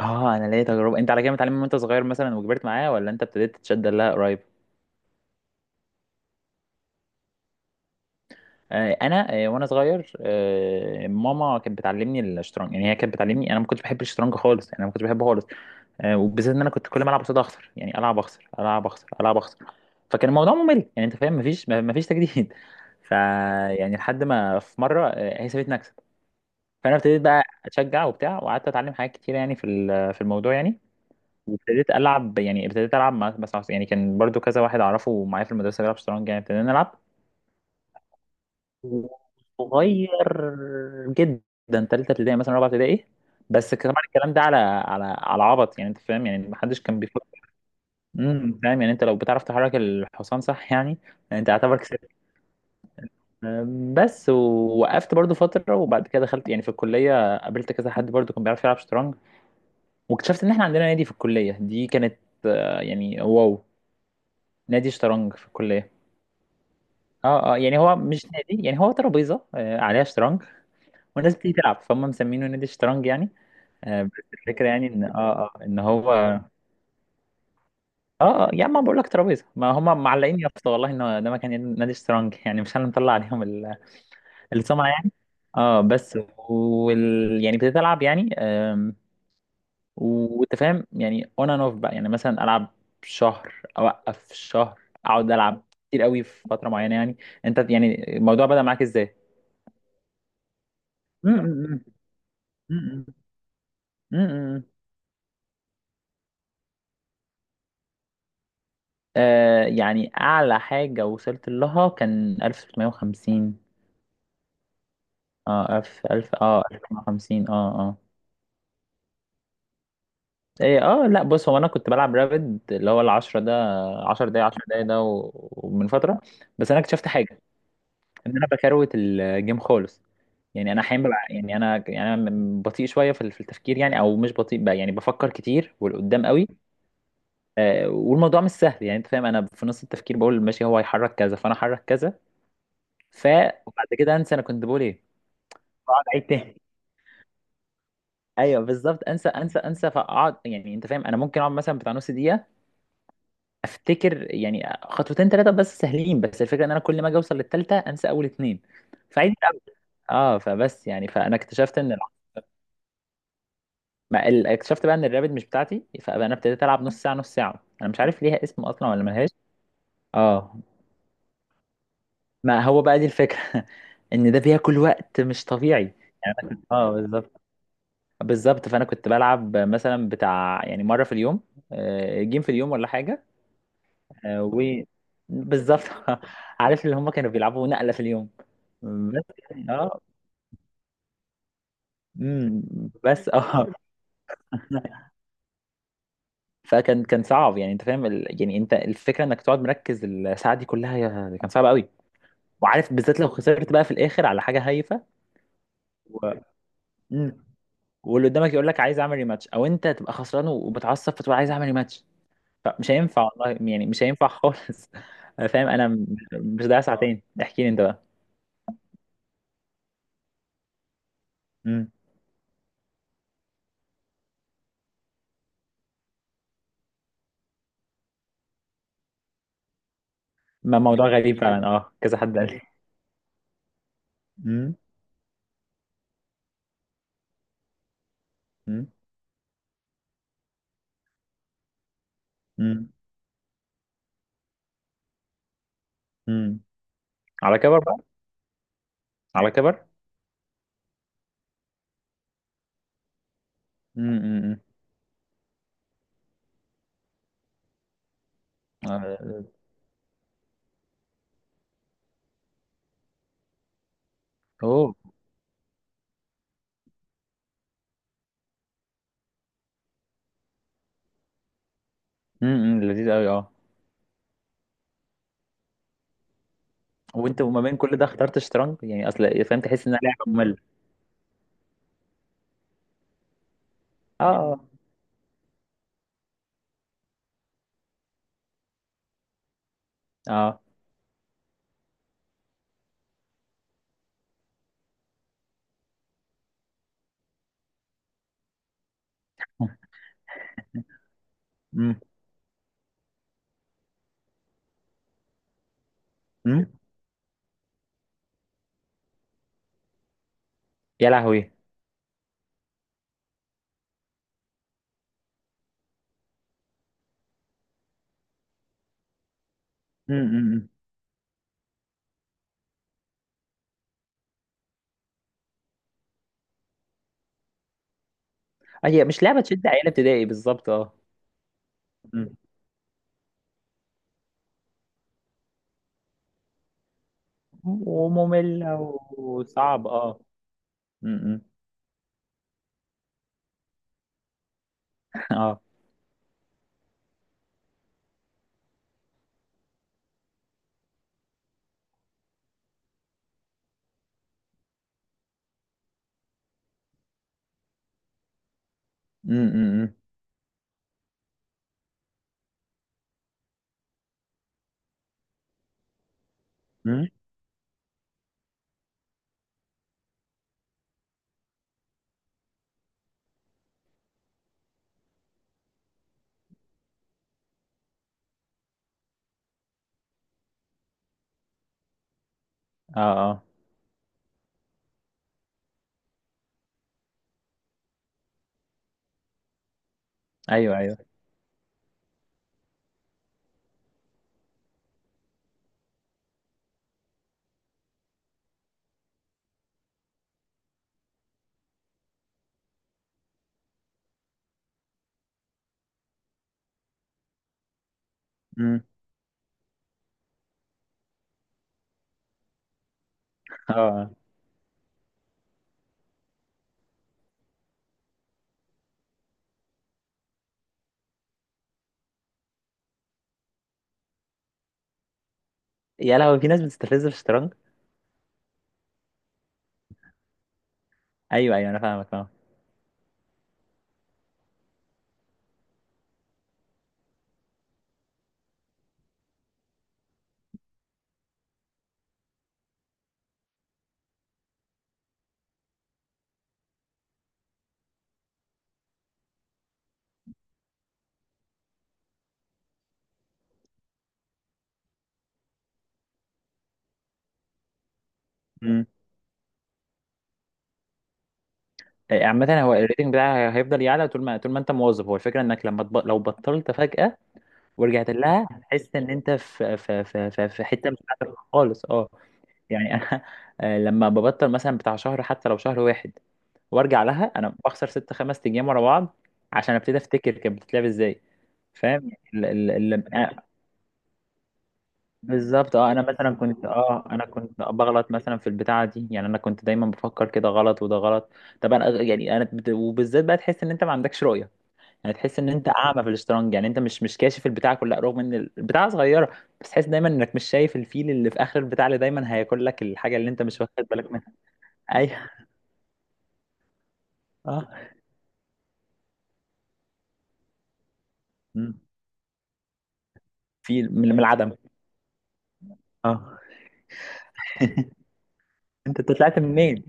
اه انا ليا تجربه. انت على كده متعلم من وانت صغير مثلا وكبرت معاه، ولا انت ابتديت تتشد لها قريب؟ انا، وانا صغير، ماما كانت بتعلمني الشطرنج، يعني هي كانت بتعلمني. انا ما كنتش بحب الشطرنج خالص، يعني انا ما كنتش بحبه خالص. وبالذات ان انا كنت كل ما العب قصاد اخسر، يعني العب اخسر، العب اخسر، العب اخسر. فكان الموضوع ممل، يعني انت فاهم، مفيش تجديد يعني لحد ما في مره هي سابتني اكسب. فانا ابتديت بقى اتشجع وبتاع، وقعدت اتعلم حاجات كتيره يعني في في الموضوع يعني. وابتديت العب، يعني ابتديت العب مع بس مع- يعني كان برضو كذا واحد اعرفه معايا في المدرسه بيلعب شطرنج، يعني ابتدينا نلعب. صغير جدا، تالتة ابتدائي مثلا، رابعة ابتدائي. بس طبعا الكلام ده على عبط، يعني انت فاهم، يعني محدش كان بيفكر. فاهم، يعني انت لو بتعرف تحرك الحصان صح، يعني انت اعتبر كسبت. بس ووقفت برضو فترة، وبعد كده دخلت يعني في الكلية، قابلت كذا حد برضو كان بيعرف يلعب شطرنج. واكتشفت ان احنا عندنا نادي في الكلية. دي كانت يعني واو، نادي شطرنج في الكلية. اه اه، يعني هو مش نادي، يعني هو ترابيزه عليها شطرنج والناس بتيجي تلعب، فهم مسمينه نادي الشطرنج يعني. بس الفكره يعني ان اه ان هو اه، يعني ما بقول لك، ترابيزه ما هم معلقين يا اسطى والله ان ده مكان نادي الشطرنج يعني مش انا مطلع عليهم السمعه يعني. اه بس. وال يعني ابتديت العب يعني، وانت فاهم يعني اون اند اوف بقى، يعني مثلا العب شهر، اوقف شهر، اقعد العب كتير قوي في فتره معينه يعني. انت يعني الموضوع بدأ معاك ازاي؟ م-م. يعني أعلى حاجة وصلت لها كان 1650. اه ألف ألف اه 1050 اه. اه ايه. اه لا، بص، هو انا كنت بلعب رابد، اللي هو العشرة ده، عشر دقايق، عشر دقايق ده ومن فترة. بس انا اكتشفت حاجة، ان انا بكروت الجيم خالص. يعني انا احيانا يعني انا، يعني انا بطيء شوية في في التفكير، يعني او مش بطيء بقى، يعني بفكر كتير والقدام قوي. والموضوع مش سهل، يعني انت فاهم، انا في نص التفكير بقول ماشي هو هيحرك كذا، فانا احرك كذا. ف وبعد كده انسى انا كنت بقول ايه. اقعد اعيد تاني. ايوه بالظبط، انسى انسى انسى، فاقعد يعني انت فاهم، انا ممكن اقعد مثلا بتاع نص دقيقه، افتكر يعني خطوتين ثلاثه بس سهلين. بس الفكره ان انا كل ما اجي اوصل للثالثه، انسى اول اتنين، فعيد الأول. اه فبس يعني فانا اكتشفت ان ما ال- اكتشفت بقى ان الرابد مش بتاعتي، فانا ابتديت العب نص ساعه، نص ساعه. انا مش عارف ليها اسم اصلا ولا ملهاش. اه ما هو بقى دي الفكره ان ده بياكل وقت مش طبيعي. يعني أنا كنت- اه بالظبط، بالظبط. فانا كنت بلعب مثلا بتاع يعني مره في اليوم، جيم في اليوم ولا حاجه. آه، و بالظبط عارف اللي هم كانوا بيلعبوا نقله في اليوم. بس يعني امم بس اه فكان صعب، يعني انت فاهم يعني انت الفكره انك تقعد مركز الساعه دي كلها، كان صعب قوي. وعارف بالذات لو خسرت بقى في الاخر على حاجه هايفه. و... مم. واللي قدامك يقول لك عايز اعمل ريماتش، او انت تبقى خسران ومتعصب فتقول عايز اعمل ريماتش. مش هينفع والله، يعني مش هينفع خالص فاهم انا مش ضايع ساعتين. احكي لي انت بقى. امم ما موضوع غريب فعلا، كذا حد قال لي. امم، امم، امم، أمم. على كبر بقى. على كبر. امم، امم، آه، اوه، امم، أمم، لذيذ قوي اه. وانت وما بين كل ده اخترت شطرنج يعني، اصل فاهم تحس انها لعبه ممله. اه اه، امم امم، يا لهوي، امم. هي مش لعبه تشد عيال ابتدائي بالظبط اه. أمم. وممله. وصعب اه. امم اه. امم امم. اه اه. ايوه ايوه. امم. اه. آه. يا لهوي، في ناس بتستفز في الشطرنج. ايوه ايوه، انا فاهمك، فاهم. امم. عامة هو الريتنج بتاعها هيفضل يعلى، طول ما طول ما انت مواظب. هو الفكرة انك لما لو بطلت فجأة ورجعت لها، هتحس ان انت في حتة مش بتاعتك خالص اه. يعني انا، لما ببطل مثلا بتاع شهر، حتى لو شهر واحد، وارجع لها، انا بخسر ست خمس ايام ورا بعض، عشان ابتدي افتكر كانت بتتلعب ازاي. فاهم ال-. بالظبط اه، انا مثلا كنت اه كنت بغلط مثلا في البتاعه دي، يعني انا كنت دايما بفكر كده غلط وده غلط. طب انا يعني انا وبالذات بقى تحس ان انت ما عندكش رؤيه، يعني تحس ان انت اعمى في الشطرنج، يعني انت مش كاشف البتاعه كلها، رغم ان البتاعه صغيره. بس تحس دايما انك مش شايف الفيل اللي في اخر البتاع، اللي دايما هياكل لك الحاجه اللي انت مش واخد بالك منها. ايوه. اه. مم. فيل من العدم. اه انت طلعت منين!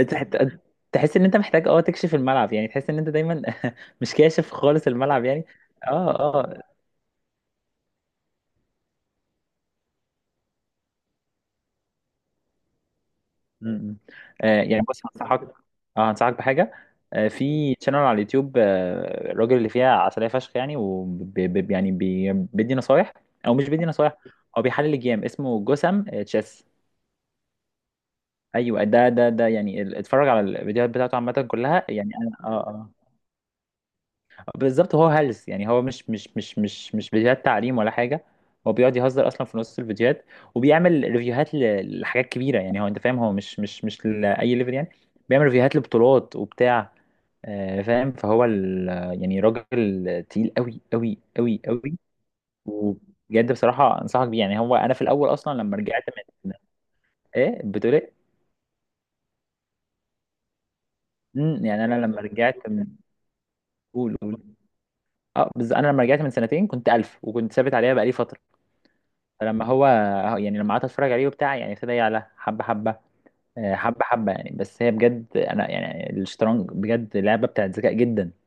انت حت- تحس ان انت محتاج اه تكشف الملعب، يعني تحس ان انت دايما مش كاشف خالص الملعب يعني. اه اه م- م. يعني بص هنصحك، اه هنصحك بحاجه. في شانل على اليوتيوب، الراجل اللي فيها عسليه فشخ يعني، يعني بيدي نصايح او مش بيدي نصايح. هو بيحلل الجيم. اسمه جسم تشيس. ايوه، ده يعني اتفرج على الفيديوهات بتاعته عامه كلها يعني انا اه آه. بالظبط، هو هلس يعني، هو مش فيديوهات تعليم ولا حاجه. هو بيقعد يهزر اصلا في نص الفيديوهات، وبيعمل ريفيوهات لحاجات كبيره، يعني هو انت فاهم، هو مش لاي ليفل يعني، بيعمل ريفيوهات لبطولات وبتاع. فاهم يعني راجل تقيل قوي قوي قوي قوي. وبجد بصراحه انصحك بيه، يعني هو انا في الاول اصلا لما رجعت من، ايه بتقول ايه؟ يعني انا لما رجعت من، قول قول. اه انا لما رجعت من سنتين كنت 1000، وكنت ثابت عليها بقالي فتره. فلما هو يعني لما قعدت اتفرج عليه وبتاع، يعني ابتدى يعلى حبه حبه، حبه حبه يعني. بس هي بجد انا يعني الشطرنج بجد لعبه بتاعت ذكاء جدا.